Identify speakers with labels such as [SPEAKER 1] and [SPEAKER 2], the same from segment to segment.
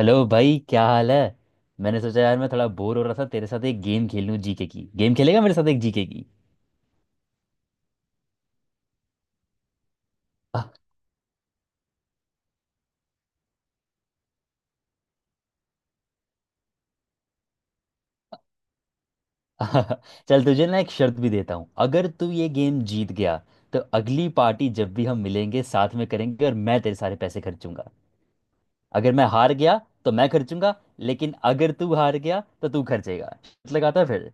[SPEAKER 1] Hello भाई, क्या हाल है। मैंने सोचा यार, मैं थोड़ा बोर हो रहा था, तेरे साथ एक गेम खेल लूं। जीके की गेम खेलेगा मेरे साथ एक जीके की? चल तुझे ना एक शर्त भी देता हूँ। अगर तू ये गेम जीत गया तो अगली पार्टी जब भी हम मिलेंगे साथ में करेंगे और मैं तेरे सारे पैसे खर्चूंगा। अगर मैं हार गया तो मैं खर्चूंगा, लेकिन अगर तू हार गया तो तू खर्चेगा। शर्त लगाता है फिर?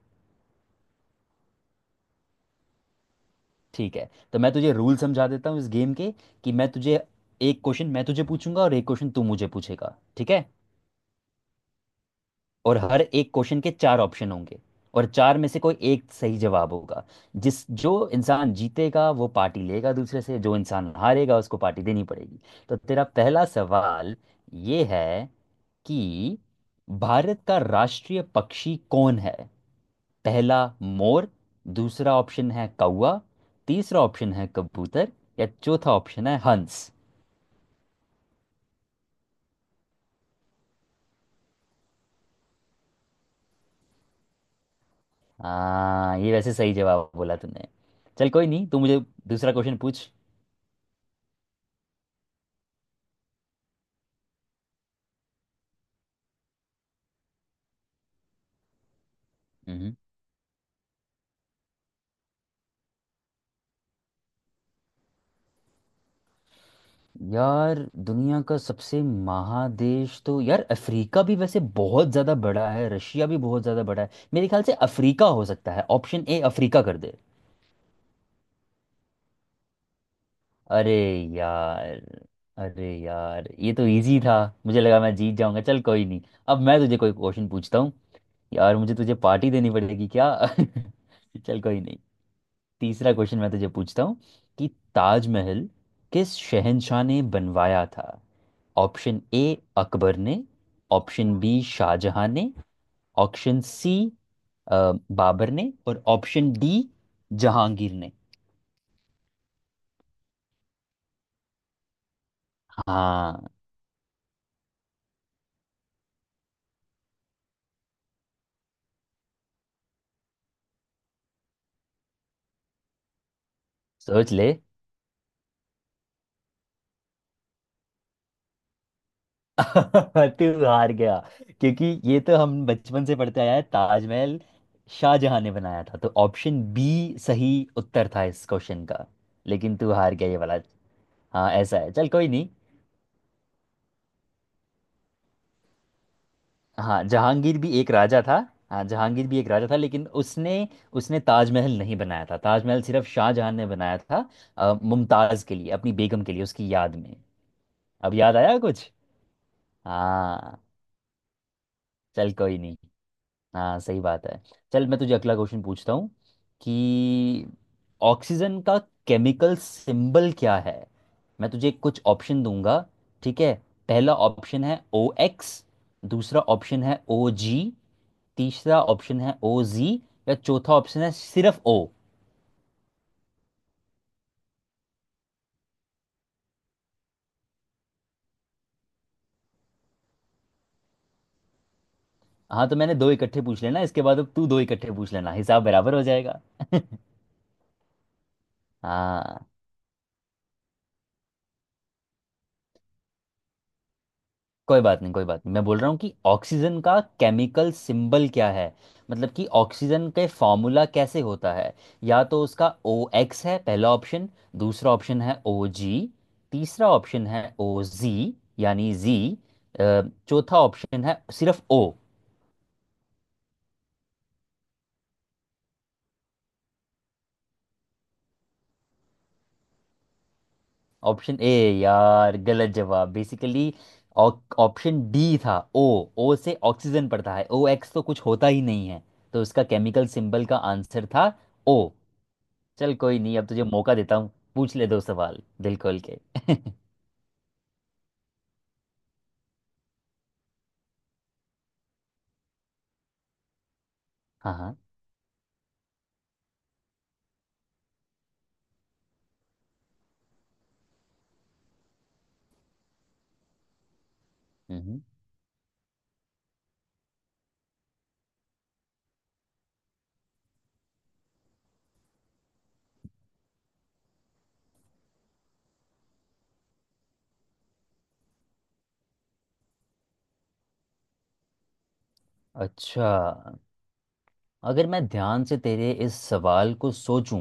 [SPEAKER 1] ठीक है, तो मैं तुझे रूल समझा देता हूँ इस गेम के, कि मैं तुझे एक क्वेश्चन मैं तुझे पूछूंगा और एक क्वेश्चन तू मुझे पूछेगा, ठीक है? और हर एक क्वेश्चन के चार ऑप्शन होंगे, और चार में से कोई एक सही जवाब होगा। जिस जो इंसान जीतेगा वो पार्टी लेगा दूसरे से, जो इंसान हारेगा उसको पार्टी देनी पड़ेगी। तो तेरा पहला सवाल ये है कि भारत का राष्ट्रीय पक्षी कौन है? पहला, मोर। दूसरा ऑप्शन है कौवा। तीसरा ऑप्शन है कबूतर। या चौथा ऑप्शन है हंस। हाँ, ये वैसे सही जवाब बोला तूने। चल कोई नहीं, तू मुझे दूसरा क्वेश्चन पूछ। हम्म। यार, दुनिया का सबसे महादेश तो यार अफ्रीका भी वैसे बहुत ज्यादा बड़ा है, रशिया भी बहुत ज्यादा बड़ा है, मेरे ख्याल से अफ्रीका हो सकता है। ऑप्शन ए, अफ्रीका कर दे। अरे यार, ये तो इजी था, मुझे लगा मैं जीत जाऊंगा। चल कोई नहीं, अब मैं तुझे कोई क्वेश्चन पूछता हूँ। यार मुझे तुझे पार्टी देनी पड़ेगी क्या? चल कोई नहीं। तीसरा क्वेश्चन मैं तुझे पूछता हूँ कि ताजमहल किस शहंशाह ने बनवाया था? ऑप्शन ए, अकबर ने। ऑप्शन बी, शाहजहां ने। ऑप्शन सी, बाबर ने। और ऑप्शन डी, जहांगीर ने। हाँ, सोच ले। तू हार गया, क्योंकि ये तो हम बचपन से पढ़ते आया है, ताजमहल शाहजहां ने बनाया था। तो ऑप्शन बी सही उत्तर था इस क्वेश्चन का, लेकिन तू हार गया ये वाला। हाँ, ऐसा है। चल कोई नहीं। हाँ, जहांगीर भी एक राजा था। हाँ जहांगीर भी एक राजा था लेकिन उसने उसने ताजमहल नहीं बनाया था, ताजमहल सिर्फ शाहजहां ने बनाया था, मुमताज के लिए, अपनी बेगम के लिए, उसकी याद में। अब याद आया कुछ। हाँ, चल कोई नहीं। हाँ, सही बात है। चल मैं तुझे अगला क्वेश्चन पूछता हूँ कि ऑक्सीजन का केमिकल सिंबल क्या है? मैं तुझे कुछ ऑप्शन दूंगा, ठीक है। पहला ऑप्शन है ओ एक्स। दूसरा ऑप्शन है ओ जी। तीसरा ऑप्शन है ओ जी। या चौथा ऑप्शन है सिर्फ ओ। हाँ, तो मैंने दो इकट्ठे पूछ लेना, इसके बाद अब तू दो इकट्ठे पूछ लेना, हिसाब बराबर हो जाएगा। हाँ। कोई बात नहीं, कोई बात नहीं, मैं बोल रहा हूँ कि ऑक्सीजन का केमिकल सिंबल क्या है, मतलब कि ऑक्सीजन के फॉर्मूला कैसे होता है। या तो उसका ओ एक्स है, पहला ऑप्शन। दूसरा ऑप्शन है ओ जी। तीसरा ऑप्शन है ओ जी, यानी जी। चौथा ऑप्शन है सिर्फ ओ। Option A? यार, गलत जवाब। बेसिकली ऑप्शन डी था, ओ। ओ से ऑक्सीजन पड़ता है, ओ एक्स तो कुछ होता ही नहीं है। तो उसका केमिकल सिंबल का आंसर था ओ। चल कोई नहीं, अब तुझे मौका देता हूँ, पूछ ले दो सवाल दिल खोल के। हाँ हाँ। हम्म, हम्म। अच्छा, अगर मैं ध्यान से तेरे इस सवाल को सोचूं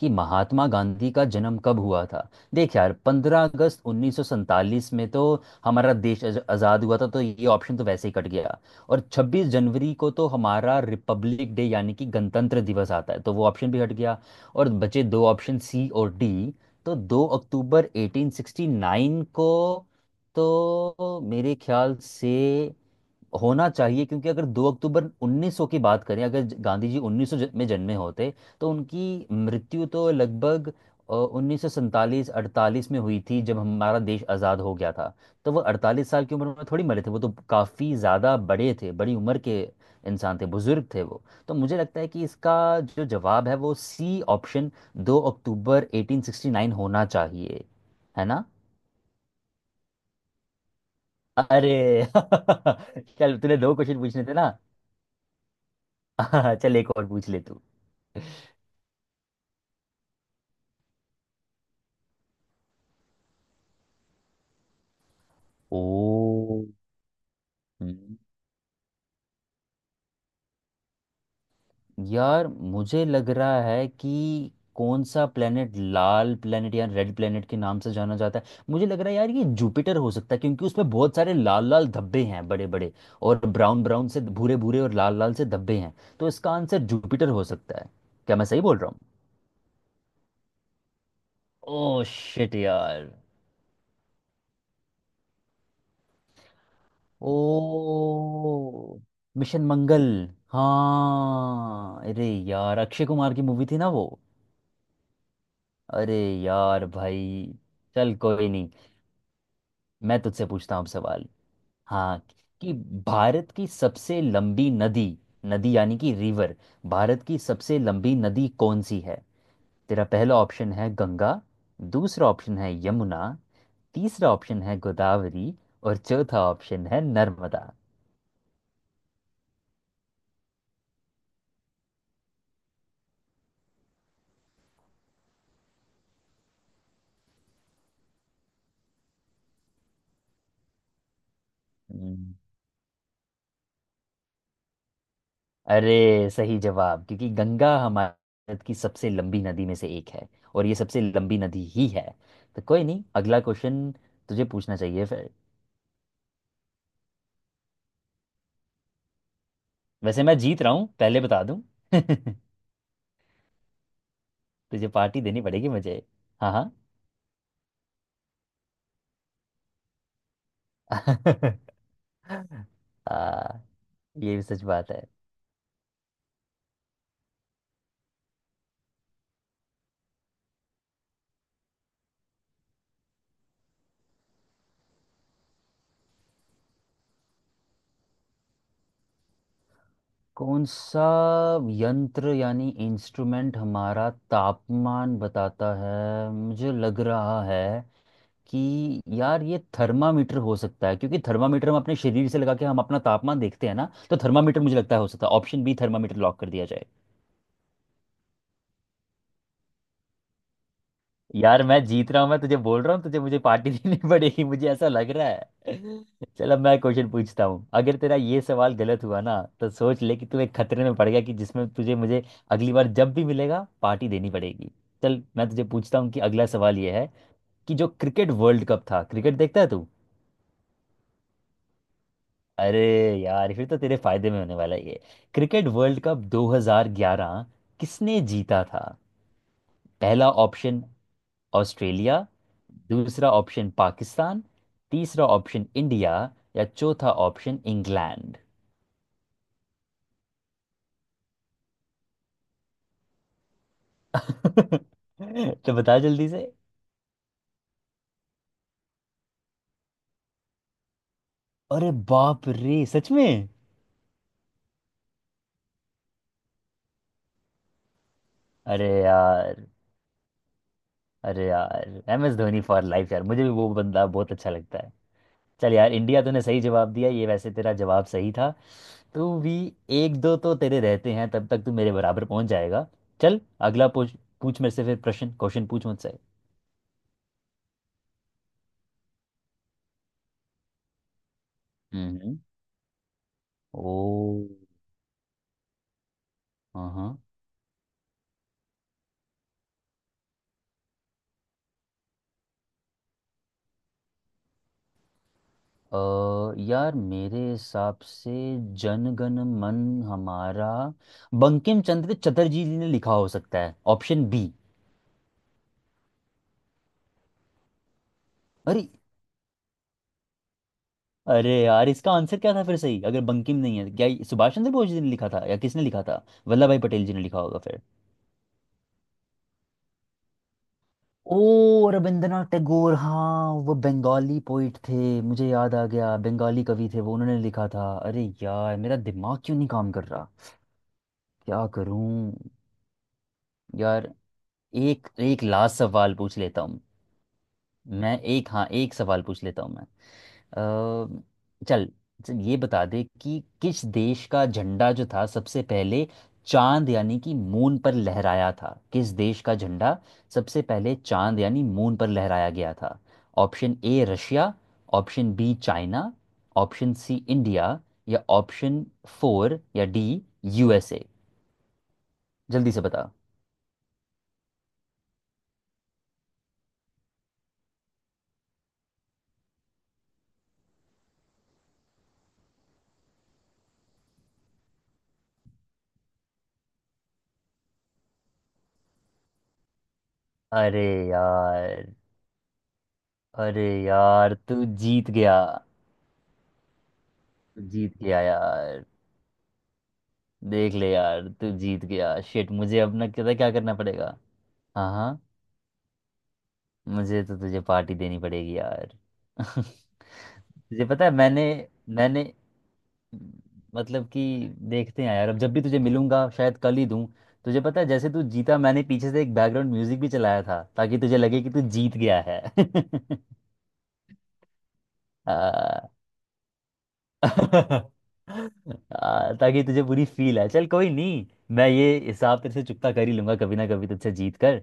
[SPEAKER 1] कि महात्मा गांधी का जन्म कब हुआ था। देख यार, 15 अगस्त 1947 में तो हमारा देश आज़ाद हुआ था, तो ये ऑप्शन तो वैसे ही कट गया। और 26 जनवरी को तो हमारा रिपब्लिक डे यानी कि गणतंत्र दिवस आता है, तो वो ऑप्शन भी हट गया। और बचे दो ऑप्शन, सी और डी। तो 2 अक्टूबर 1869 को, तो मेरे ख्याल से होना चाहिए। क्योंकि अगर 2 अक्टूबर 1900 की बात करें, अगर गांधी जी 1900 में जन्मे होते तो उनकी मृत्यु तो लगभग 1947-48 में हुई थी, जब हमारा देश आज़ाद हो गया था। तो वो 48 साल की उम्र में थोड़ी मरे थे, वो तो काफ़ी ज़्यादा बड़े थे, बड़ी उम्र के इंसान थे, बुजुर्ग थे वो। तो मुझे लगता है कि इसका जो जवाब है वो सी ऑप्शन, 2 अक्टूबर 1869 होना चाहिए, है ना? अरे चल, तूने दो क्वेश्चन पूछने थे ना। हाँ, चल एक और पूछ ले तू। ओ। हम्म, यार मुझे लग रहा है कि कौन सा प्लेनेट लाल प्लेनेट या रेड प्लेनेट के नाम से जाना जाता है। मुझे लग रहा है यार ये जुपिटर हो सकता है, क्योंकि उसमें बहुत सारे लाल लाल धब्बे हैं, बड़े बड़े और ब्राउन ब्राउन से भूरे भूरे और लाल लाल से धब्बे हैं। तो इसका आंसर जुपिटर हो सकता है। क्या मैं सही बोल रहा हूँ? ओ शिट यार। ओ। मिशन मंगल। हाँ अरे यार, अक्षय कुमार की मूवी थी ना वो। अरे यार भाई। चल कोई नहीं। मैं तुझसे पूछता हूँ अब सवाल, हाँ, कि भारत की सबसे लंबी नदी, नदी यानी कि रिवर, भारत की सबसे लंबी नदी कौन सी है? तेरा पहला ऑप्शन है गंगा। दूसरा ऑप्शन है यमुना। तीसरा ऑप्शन है गोदावरी। और चौथा ऑप्शन है नर्मदा। अरे सही जवाब, क्योंकि गंगा हमारे भारत की सबसे लंबी नदी में से एक है, और ये सबसे लंबी नदी ही है। तो कोई नहीं, अगला क्वेश्चन तुझे पूछना चाहिए फिर। वैसे मैं जीत रहा हूँ पहले बता दूं। तुझे पार्टी देनी पड़ेगी मुझे। हाँ हाँ। आ, ये भी सच बात है। कौन सा यंत्र यानी इंस्ट्रूमेंट हमारा तापमान बताता है? मुझे लग रहा है कि यार ये थर्मामीटर हो सकता है, क्योंकि थर्मामीटर हम अपने शरीर से लगा के हम अपना तापमान देखते हैं ना, तो थर्मामीटर मुझे लगता है हो सकता है। ऑप्शन बी थर्मामीटर लॉक कर दिया जाए। यार मैं जीत रहा हूँ, मैं तुझे बोल रहा हूँ, तुझे मुझे पार्टी देनी पड़ेगी, मुझे ऐसा लग रहा है। चलो मैं क्वेश्चन पूछता हूँ। अगर तेरा ये सवाल गलत हुआ ना तो सोच ले कि तू एक खतरे में पड़ गया, कि जिसमें तुझे मुझे अगली बार जब भी मिलेगा पार्टी देनी पड़ेगी। चल मैं तुझे पूछता हूँ कि अगला सवाल ये है कि जो क्रिकेट वर्ल्ड कप था, क्रिकेट देखता है तू? अरे यार, फिर तो तेरे फायदे में होने वाला है ये। क्रिकेट वर्ल्ड कप 2011 किसने जीता था? पहला ऑप्शन ऑस्ट्रेलिया। दूसरा ऑप्शन पाकिस्तान। तीसरा ऑप्शन इंडिया। या चौथा ऑप्शन इंग्लैंड। तो बता जल्दी से। अरे बाप रे, सच में? अरे यार, M S Dhoni for life यार, मुझे भी वो बंदा बहुत अच्छा लगता है। चल यार, इंडिया, तूने सही जवाब दिया, ये वैसे तेरा जवाब सही था तो भी। एक दो तो तेरे रहते हैं, तब तक तू मेरे बराबर पहुंच जाएगा। चल अगला पूछ, पूछ मेरे से फिर, प्रश्न क्वेश्चन पूछ मुझसे। हम्म ओ। हाँ हाँ। यार मेरे हिसाब से जनगण मन हमारा बंकिम चंद्र चटर्जी जी ने लिखा हो सकता है, ऑप्शन बी। अरे, अरे यार इसका आंसर क्या था फिर सही, अगर बंकिम नहीं है? क्या ये सुभाष चंद्र बोस जी ने लिखा था, या किसने लिखा था, वल्लभ भाई पटेल जी ने लिखा होगा फिर? ओ, रविंद्रनाथ टैगोर। हाँ, वो बंगाली पोइट थे, मुझे याद आ गया, बंगाली कवि थे वो, उन्होंने लिखा था। अरे यार, मेरा दिमाग क्यों नहीं काम कर रहा, क्या करूं। यार, एक एक लास्ट सवाल पूछ लेता हूँ मैं। एक सवाल पूछ लेता हूँ मैं। चल, चल ये बता दे कि किस देश का झंडा जो था सबसे पहले चांद यानी कि मून पर लहराया था? किस देश का झंडा सबसे पहले चांद यानी मून पर लहराया गया था? Option A Russia. Option B China. Option C India. या ऑप्शन फोर या डी यूएसए। जल्दी से बता। अरे यार, तू जीत गया। तू जीत गया यार। देख ले यार, तू जीत गया। शिट, मुझे अब ना पता क्या करना पड़ेगा। हाँ हाँ, मुझे तो तुझे पार्टी देनी पड़ेगी यार। तुझे पता है मैंने मैंने मतलब कि देखते हैं यार, अब जब भी तुझे मिलूंगा शायद कल ही दूं। तुझे पता है जैसे तू जीता, मैंने पीछे से एक बैकग्राउंड म्यूजिक भी चलाया था ताकि तुझे लगे कि तू जीत गया है। आ, आ, ताकि तुझे पूरी फील आए। चल कोई नहीं, मैं ये हिसाब तेरे से चुकता कर ही लूंगा, कभी ना कभी तुझसे जीत कर।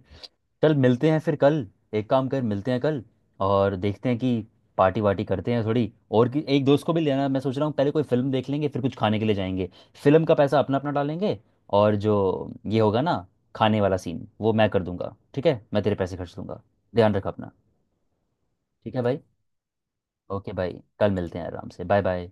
[SPEAKER 1] चल मिलते हैं फिर कल। एक काम कर मिलते हैं कल और देखते हैं कि पार्टी वार्टी करते हैं थोड़ी, और कि एक दोस्त को भी लेना है। मैं सोच रहा हूँ पहले कोई फिल्म देख लेंगे, फिर कुछ खाने के लिए जाएंगे। फिल्म का पैसा अपना अपना डालेंगे, और जो ये होगा ना खाने वाला सीन वो मैं कर दूंगा। ठीक है, मैं तेरे पैसे खर्च दूंगा। ध्यान रख अपना। ठीक है भाई, ओके भाई, कल मिलते हैं, आराम से, बाय बाय।